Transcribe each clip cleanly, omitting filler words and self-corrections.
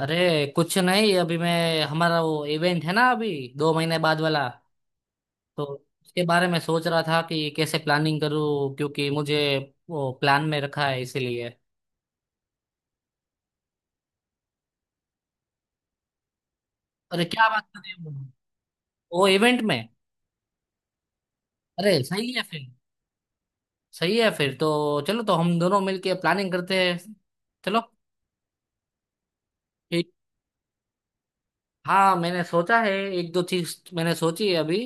अरे, कुछ नहीं। अभी मैं हमारा वो इवेंट है ना, अभी 2 महीने बाद वाला। तो उसके बारे में सोच रहा था कि कैसे प्लानिंग करूँ, क्योंकि मुझे वो प्लान में रखा है इसीलिए। अरे क्या बात कर रही हो? वो इवेंट में? अरे सही है फिर। सही है फिर तो चलो। तो हम दोनों मिलके प्लानिंग करते हैं। चलो। ठीक। हाँ मैंने सोचा है, एक दो चीज मैंने सोची है अभी।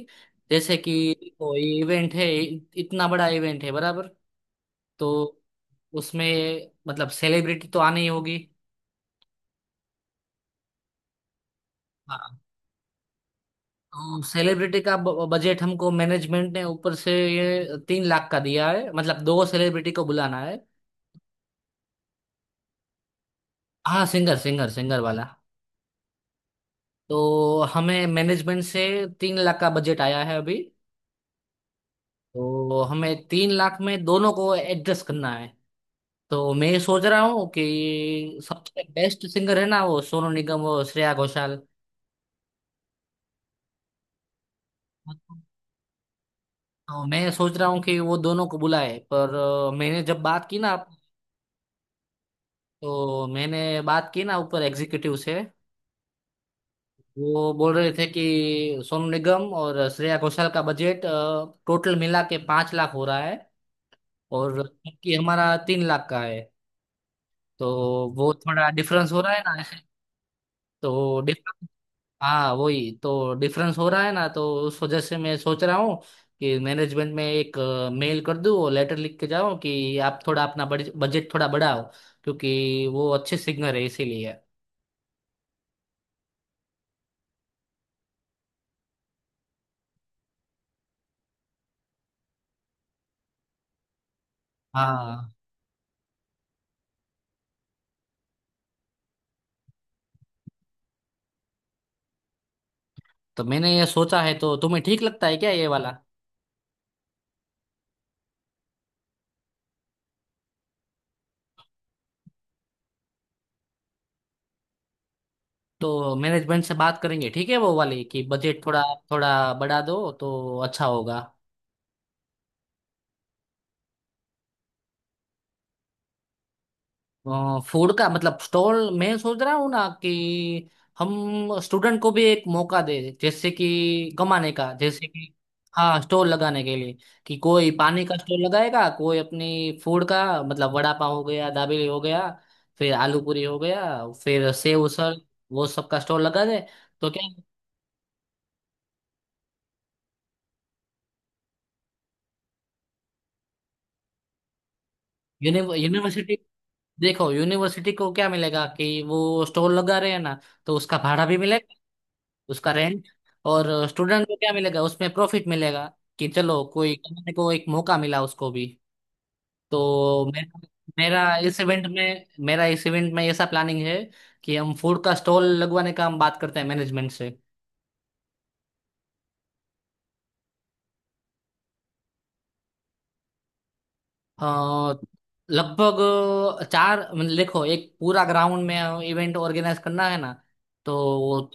जैसे कि वो इवेंट है, इतना बड़ा इवेंट है बराबर। तो उसमें मतलब सेलिब्रिटी तो आनी ही होगी। हाँ। तो सेलिब्रिटी का बजट हमको मैनेजमेंट ने ऊपर से ये 3 लाख का दिया है, मतलब दो सेलिब्रिटी को बुलाना है। हाँ, सिंगर सिंगर सिंगर वाला। तो हमें मैनेजमेंट से 3 लाख का बजट आया है अभी। तो हमें 3 लाख में दोनों को एडजस्ट करना है। तो मैं सोच रहा हूँ कि सबसे बेस्ट सिंगर है ना, वो सोनू निगम और श्रेया घोषाल। तो मैं सोच रहा हूँ कि वो दोनों को बुलाए, पर मैंने जब बात की ना। तो मैंने बात की ना ऊपर एग्जीक्यूटिव से। वो बोल रहे थे कि सोनू निगम और श्रेया घोषाल का बजट टोटल मिला के 5 लाख हो रहा है, और कि हमारा 3 लाख का है। तो वो थोड़ा डिफरेंस हो रहा है ना ऐसे। तो डिफरेंस हाँ वही तो डिफरेंस हो रहा है ना, तो उस वजह से मैं सोच रहा हूँ कि मैनेजमेंट में एक मेल कर दूँ और लेटर लिख के जाऊँ कि आप थोड़ा अपना बजट थोड़ा बढ़ाओ, क्योंकि वो अच्छे सिंगर है इसीलिए। हाँ तो मैंने ये सोचा है, तो तुम्हें ठीक लगता है क्या ये वाला? तो मैनेजमेंट से बात करेंगे, ठीक है, वो वाली कि बजट थोड़ा थोड़ा बढ़ा दो तो अच्छा होगा। फूड का मतलब स्टॉल मैं सोच रहा हूँ ना, कि हम स्टूडेंट को भी एक मौका दे जैसे कि कमाने का, जैसे कि। हाँ, स्टॉल लगाने के लिए। कि कोई पानी का स्टॉल लगाएगा, कोई अपनी फूड का मतलब वड़ा पाव हो गया, दाबेली हो गया, फिर आलू पूरी हो गया, फिर सेव उसल, वो सब का स्टॉल लगा दे। तो क्या। यूनिवर्सिटी। देखो यूनिवर्सिटी को क्या मिलेगा, कि वो स्टॉल लगा रहे हैं ना, तो उसका भाड़ा भी मिलेगा, उसका रेंट। और स्टूडेंट को क्या मिलेगा? उसमें प्रॉफिट मिलेगा, कि चलो कोई कमाने को एक मौका मिला उसको भी। तो मेरा मेरा इस इवेंट में मेरा इस इवेंट में ऐसा प्लानिंग है, कि हम फूड का स्टॉल लगवाने का हम बात करते हैं मैनेजमेंट से। अ, लगभग चार, मतलब देखो, एक पूरा ग्राउंड में इवेंट ऑर्गेनाइज करना है ना, तो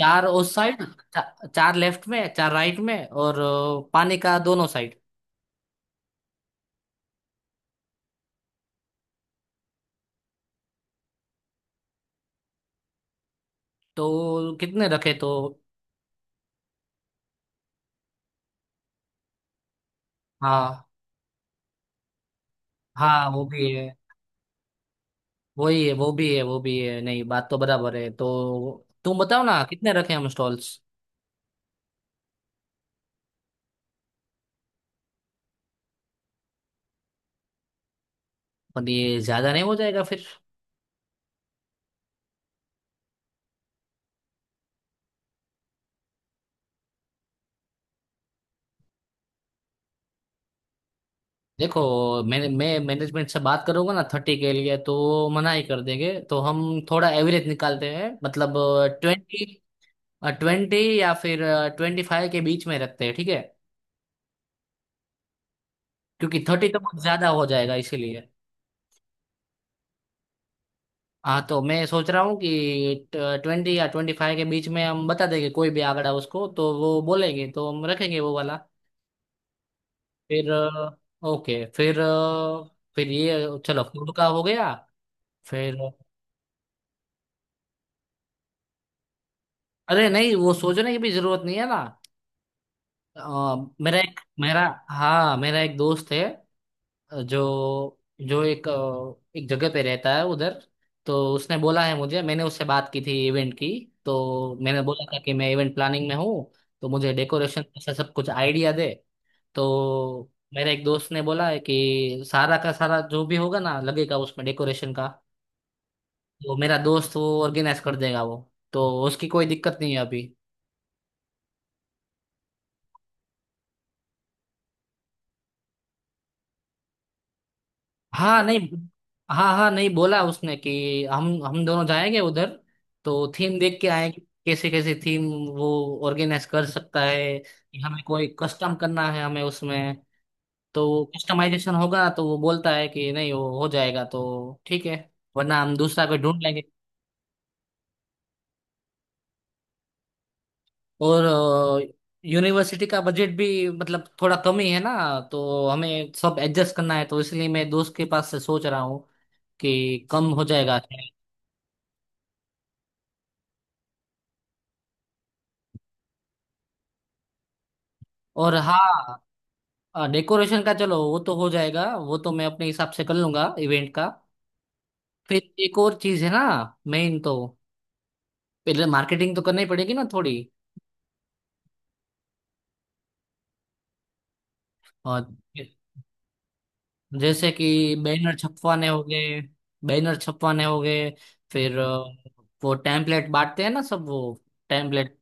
चार उस साइड, चार लेफ्ट में, चार राइट में, और पानी का दोनों साइड। तो कितने रखे तो? हाँ। हाँ। वो भी है, वही है, वो भी है, वो भी है। नहीं, बात तो बराबर है, तो तुम बताओ ना कितने रखे हम स्टॉल्स? पर ये ज्यादा नहीं हो जाएगा फिर? देखो, मैं मैनेजमेंट से बात करूंगा ना 30 के लिए, तो वो मना ही कर देंगे, तो हम थोड़ा एवरेज निकालते हैं, मतलब ट्वेंटी ट्वेंटी या फिर 25 के बीच में रखते हैं, ठीक है। क्योंकि 30 तो बहुत ज्यादा हो जाएगा इसीलिए। हाँ तो मैं सोच रहा हूँ कि 20 या 25 के बीच में हम बता देंगे। कोई भी आंकड़ा उसको तो वो बोलेंगे तो हम रखेंगे वो वाला। फिर ओके। फिर ये चलो, फूड का हो गया। फिर। अरे नहीं, वो सोचने की भी जरूरत नहीं है ना। अ, मेरा एक मेरा हाँ, मेरा एक दोस्त है। अ, जो जो एक एक जगह पे रहता है उधर। तो उसने बोला है मुझे, मैंने उससे बात की थी इवेंट की। तो मैंने बोला था कि मैं इवेंट प्लानिंग में हूँ, तो मुझे डेकोरेशन से सब कुछ आइडिया दे। तो मेरे एक दोस्त ने बोला है कि सारा का सारा जो भी होगा ना लगेगा उसमें डेकोरेशन का, तो मेरा दोस्त वो ऑर्गेनाइज कर देगा वो। तो उसकी कोई दिक्कत नहीं है अभी। हाँ नहीं। हाँ हाँ, नहीं, बोला उसने कि हम दोनों जाएंगे उधर, तो थीम देख के आएंगे कैसे कैसे थीम वो ऑर्गेनाइज कर सकता है, कि हमें कोई कस्टम करना है हमें उसमें। तो कस्टमाइजेशन होगा, तो वो बोलता है कि नहीं वो हो जाएगा तो ठीक है। वरना हम दूसरा कोई ढूंढ लेंगे। और यूनिवर्सिटी का बजट भी मतलब थोड़ा कम ही है ना, तो हमें सब एडजस्ट करना है, तो इसलिए मैं दोस्त के पास से सोच रहा हूँ कि कम हो जाएगा। और हाँ, डेकोरेशन का चलो वो तो हो जाएगा, वो तो मैं अपने हिसाब से कर लूंगा इवेंट का। फिर एक और चीज है ना, मेन तो पहले मार्केटिंग तो करनी पड़ेगी ना थोड़ी। और जैसे कि बैनर छपवाने हो गए बैनर छपवाने हो गए। फिर वो टेम्पलेट बांटते हैं ना सब, वो टेम्पलेट।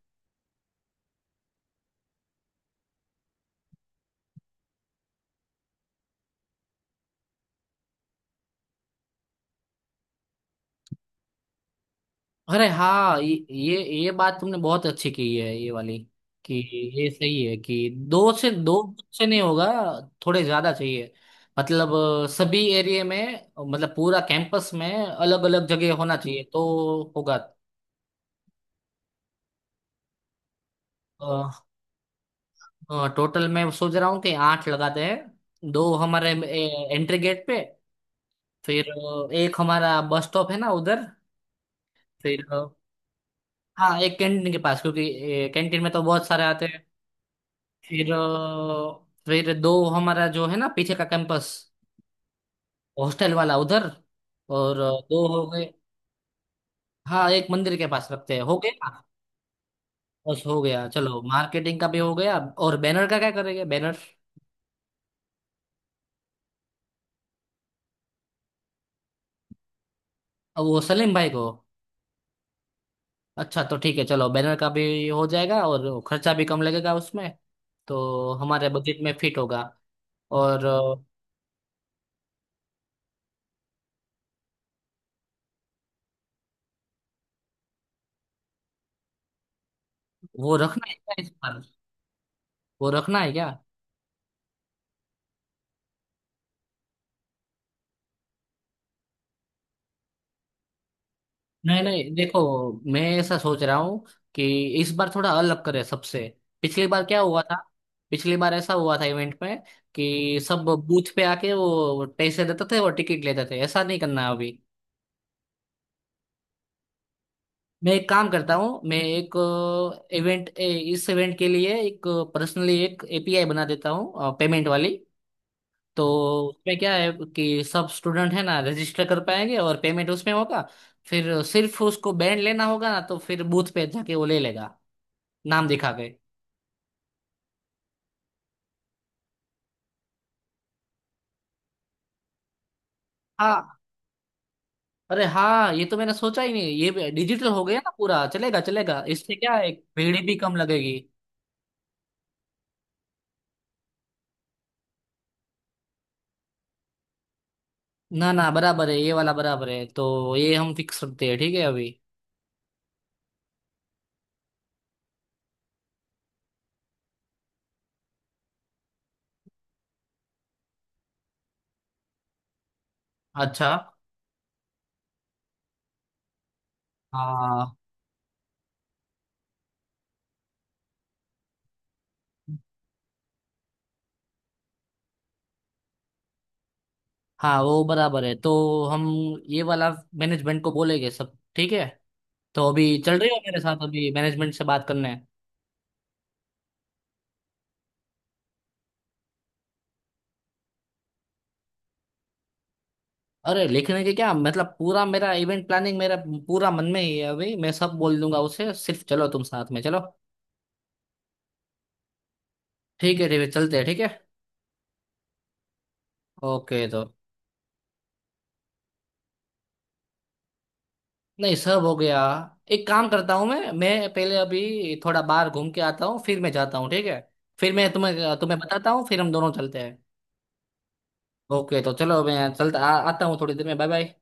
अरे हाँ, ये ये बात तुमने बहुत अच्छी की है, ये वाली। कि ये सही है, कि दो से नहीं होगा, थोड़े ज्यादा चाहिए, मतलब सभी एरिया में, मतलब पूरा कैंपस में अलग अलग जगह होना चाहिए तो होगा। अ, टोटल मैं सोच रहा हूँ कि आठ लगाते हैं, दो हमारे एंट्री गेट पे। फिर एक हमारा बस स्टॉप है ना उधर। फिर हाँ, एक कैंटीन के पास, क्योंकि कैंटीन में तो बहुत सारे आते हैं। फिर अ, फिर दो हमारा जो है ना पीछे का कैंपस, हॉस्टल वाला उधर। और दो हो गए। हाँ, एक मंदिर के पास रखते हैं, हो गया। बस हो गया, चलो मार्केटिंग का भी हो गया। और बैनर का क्या करेंगे? बैनर अब वो सलीम भाई को। अच्छा तो ठीक है, चलो बैनर का भी हो जाएगा और खर्चा भी कम लगेगा उसमें, तो हमारे बजट में फिट होगा। और वो रखना है क्या इस पर? वो रखना है क्या? नहीं नहीं, देखो, मैं ऐसा सोच रहा हूँ कि इस बार थोड़ा अलग करें सबसे। पिछली बार क्या हुआ था? पिछली बार ऐसा हुआ था इवेंट में कि सब बूथ पे आके वो पैसे देते थे और टिकट लेते थे, ऐसा नहीं करना अभी। मैं एक काम करता हूँ, मैं एक इवेंट इस इवेंट के लिए एक पर्सनली एक एपीआई बना देता हूँ पेमेंट वाली। तो उसमें क्या है, कि सब स्टूडेंट है ना रजिस्टर कर पाएंगे और पेमेंट उसमें होगा। फिर सिर्फ उसको बैंड लेना होगा ना, तो फिर बूथ पे जाके वो ले लेगा, नाम दिखा के। हाँ। अरे हाँ, ये तो मैंने सोचा ही नहीं। ये डिजिटल हो गया ना, पूरा चलेगा, चलेगा। इससे क्या है, भीड़ भी कम लगेगी। ना ना, बराबर है ये वाला, बराबर है, तो ये हम फिक्स रखते हैं, ठीक है अभी। अच्छा। हाँ। हाँ वो बराबर है, तो हम ये वाला मैनेजमेंट को बोलेंगे, सब ठीक है। तो अभी चल रही हो मेरे साथ अभी मैनेजमेंट से बात करने? अरे लिखने के क्या मतलब? पूरा मेरा इवेंट प्लानिंग मेरा पूरा मन में ही है अभी, मैं सब बोल दूंगा उसे। सिर्फ चलो, तुम साथ में चलो। ठीक है, ठीक है, चलते हैं, ठीक है। ओके तो। नहीं, सब हो गया। एक काम करता हूँ, मैं पहले अभी थोड़ा बाहर घूम के आता हूँ, फिर मैं जाता हूँ, ठीक है। फिर मैं तुम्हें तुम्हें बताता हूँ, फिर हम दोनों चलते हैं। ओके तो चलो, मैं आता हूँ थोड़ी देर में। Bye bye.